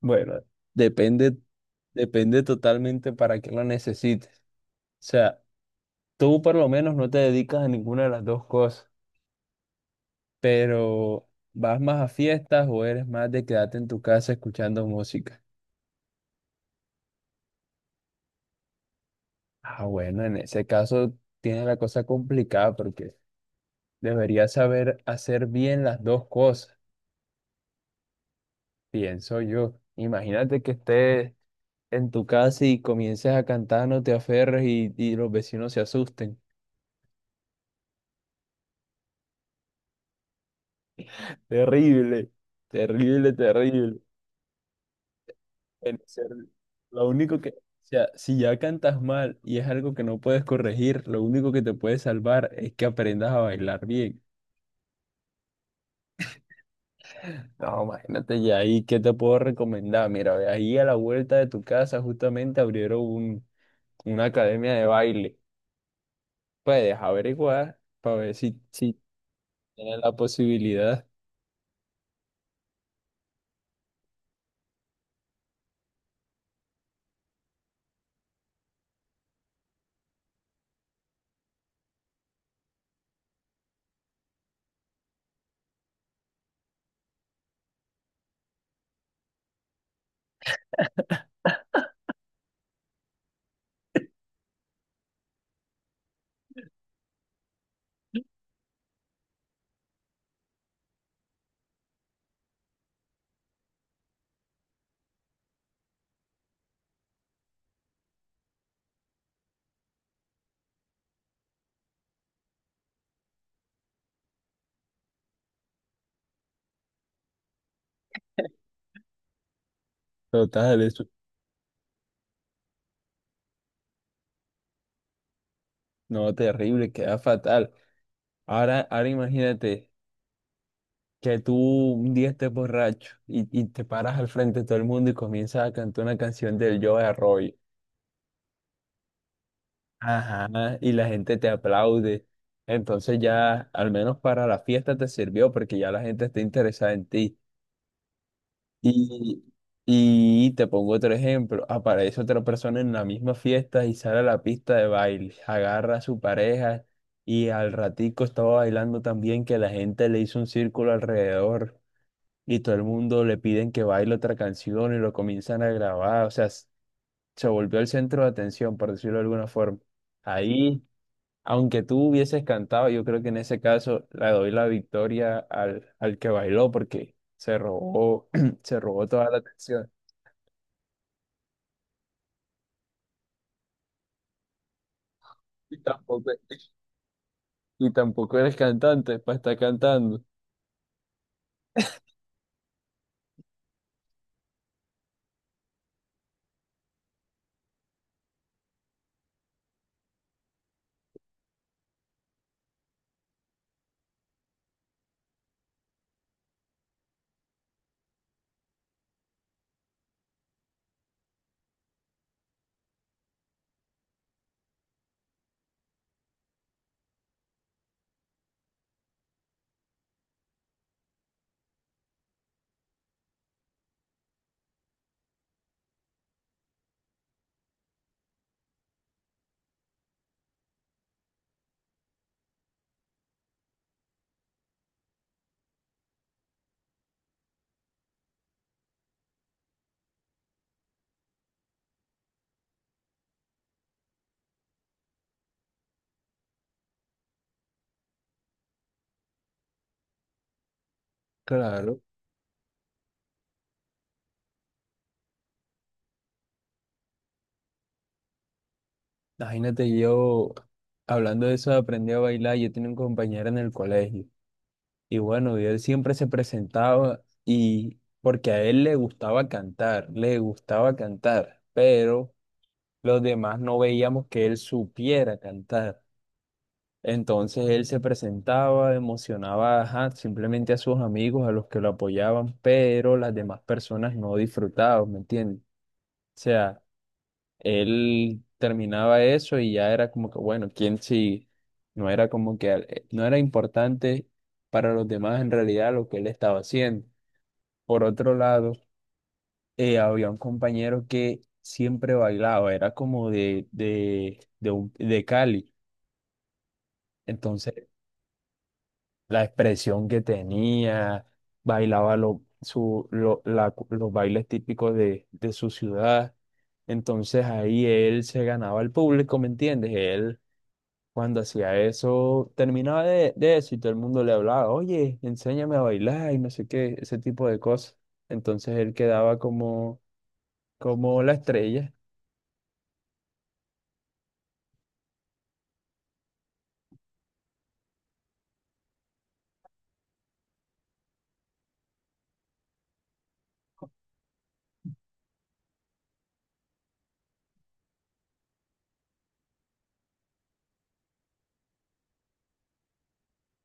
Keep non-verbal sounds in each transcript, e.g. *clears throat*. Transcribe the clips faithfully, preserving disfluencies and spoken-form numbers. Bueno, depende, depende totalmente para qué lo necesites. O sea, tú por lo menos no te dedicas a ninguna de las dos cosas, pero vas más a fiestas o eres más de quedarte en tu casa escuchando música. Ah, bueno, en ese caso tienes la cosa complicada porque deberías saber hacer bien las dos cosas, pienso yo. Imagínate que estés en tu casa y comiences a cantar No te aferres y, y los vecinos se asusten. Terrible, terrible, terrible. El ser- Lo único que, o sea, si ya cantas mal y es algo que no puedes corregir, lo único que te puede salvar es que aprendas a bailar bien. No, imagínate ya ahí, ¿qué te puedo recomendar? Mira, ve ahí a la vuelta de tu casa justamente abrieron un- una academia de baile. Puedes averiguar para ver si, si tienes la posibilidad. Total, eso, no, terrible, queda fatal. Ahora, ahora imagínate que tú un día estés borracho y, y te paras al frente de todo el mundo y comienzas a cantar una canción del Joe Arroyo. Ajá, y la gente te aplaude. Entonces ya, al menos para la fiesta te sirvió porque ya la gente está interesada en ti. Y, y te pongo otro ejemplo, aparece otra persona en la misma fiesta y sale a la pista de baile, agarra a su pareja y al ratico estaba bailando tan bien que la gente le hizo un círculo alrededor, y todo el mundo le piden que baile otra canción y lo comienzan a grabar. O sea, s- se volvió el centro de atención, por decirlo de alguna forma. Ahí, aunque tú hubieses cantado, yo creo que en ese caso le doy la victoria al, al que bailó porque se robó, *clears throat* se robó toda la atención. Y tampoco, y tampoco eres cantante para estar cantando. Claro. Imagínate yo hablando de eso, aprendí a bailar, yo tenía un compañero en el colegio. Y bueno, y él siempre se presentaba y porque a él le gustaba cantar, le gustaba cantar, pero los demás no veíamos que él supiera cantar. Entonces él se presentaba, emocionaba, ajá, simplemente a sus amigos, a los que lo apoyaban, pero las demás personas no disfrutaban, ¿me entiendes? O sea, él terminaba eso y ya era como que, bueno, ¿quién sí? No era como que, eh, no era importante para los demás en realidad lo que él estaba haciendo. Por otro lado, eh, había un compañero que siempre bailaba, era como de, de, de, un- de Cali. Entonces, la expresión que tenía, bailaba lo- su- lo- la- los bailes típicos de, de su ciudad. Entonces, ahí él se ganaba al público, ¿me entiendes? Él, cuando hacía eso, terminaba de, de eso y todo el mundo le hablaba, oye, enséñame a bailar y no sé qué, ese tipo de cosas. Entonces, él quedaba como como la estrella.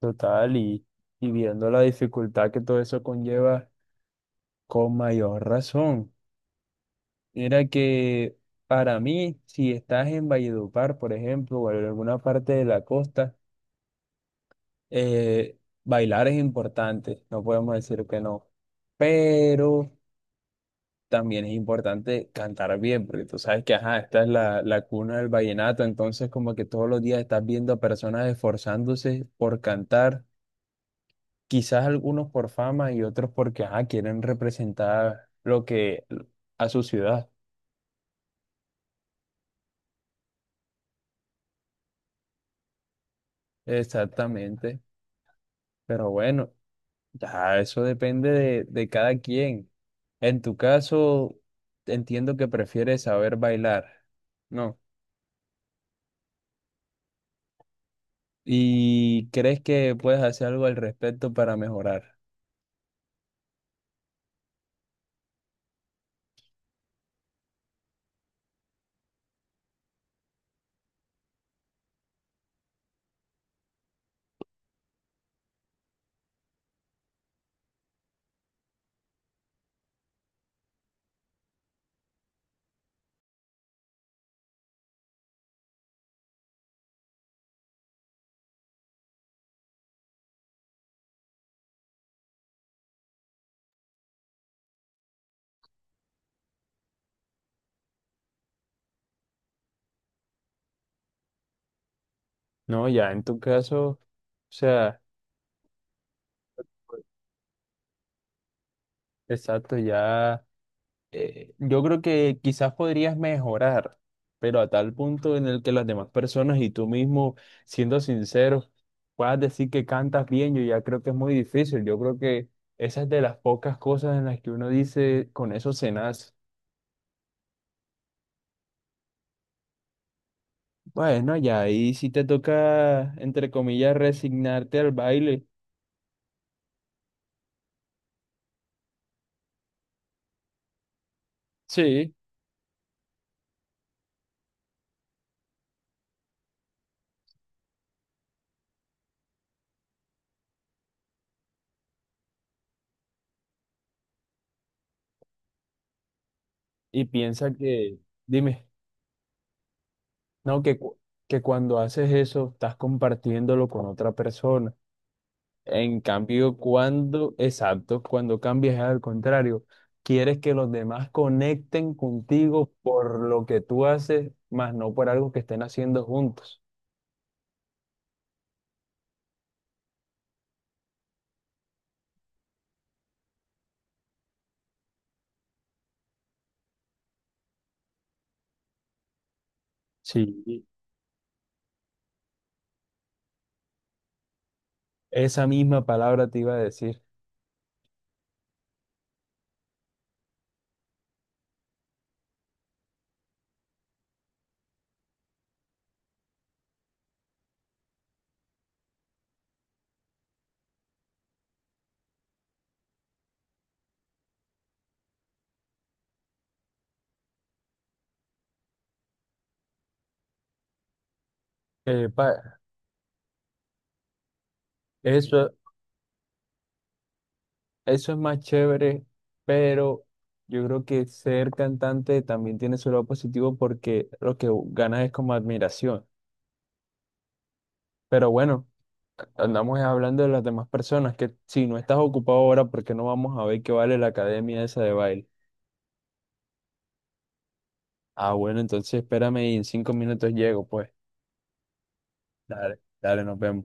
Total, y, y viendo la dificultad que todo eso conlleva, con mayor razón. Mira que para mí, si estás en Valledupar, por ejemplo, o en alguna parte de la costa, eh, bailar es importante, no podemos decir que no. Pero también es importante cantar bien, porque tú sabes que, ajá, esta es la, la cuna del vallenato, entonces como que todos los días estás viendo a personas esforzándose por cantar. Quizás algunos por fama y otros porque ajá, quieren representar lo que a su ciudad. Exactamente. Pero bueno, ya eso depende de, de cada quien. En tu caso, entiendo que prefieres saber bailar, ¿no? ¿Y crees que puedes hacer algo al respecto para mejorar? No, ya en tu caso, o sea, exacto, ya. Eh, yo creo que quizás podrías mejorar, pero a tal punto en el que las demás personas y tú mismo, siendo sinceros, puedas decir que cantas bien, yo ya creo que es muy difícil. Yo creo que esa es de las pocas cosas en las que uno dice, con eso se nace. Bueno, ya ahí sí te toca, entre comillas, resignarte al baile. Sí, y piensa que, dime, no, que, cu- que cuando haces eso estás compartiéndolo con otra persona. En cambio, cuando, exacto, cuando cambias es al contrario, quieres que los demás conecten contigo por lo que tú haces, más no por algo que estén haciendo juntos. Sí, esa misma palabra te iba a decir. Eh, pa- Eso, eso es más chévere, pero yo creo que ser cantante también tiene su lado positivo porque lo que ganas es como admiración. Pero bueno, andamos hablando de las demás personas, que si no estás ocupado ahora, ¿por qué no vamos a ver qué vale la academia esa de baile? Ah, bueno, entonces espérame y en cinco minutos llego, pues. Dale, dale, nos vemos.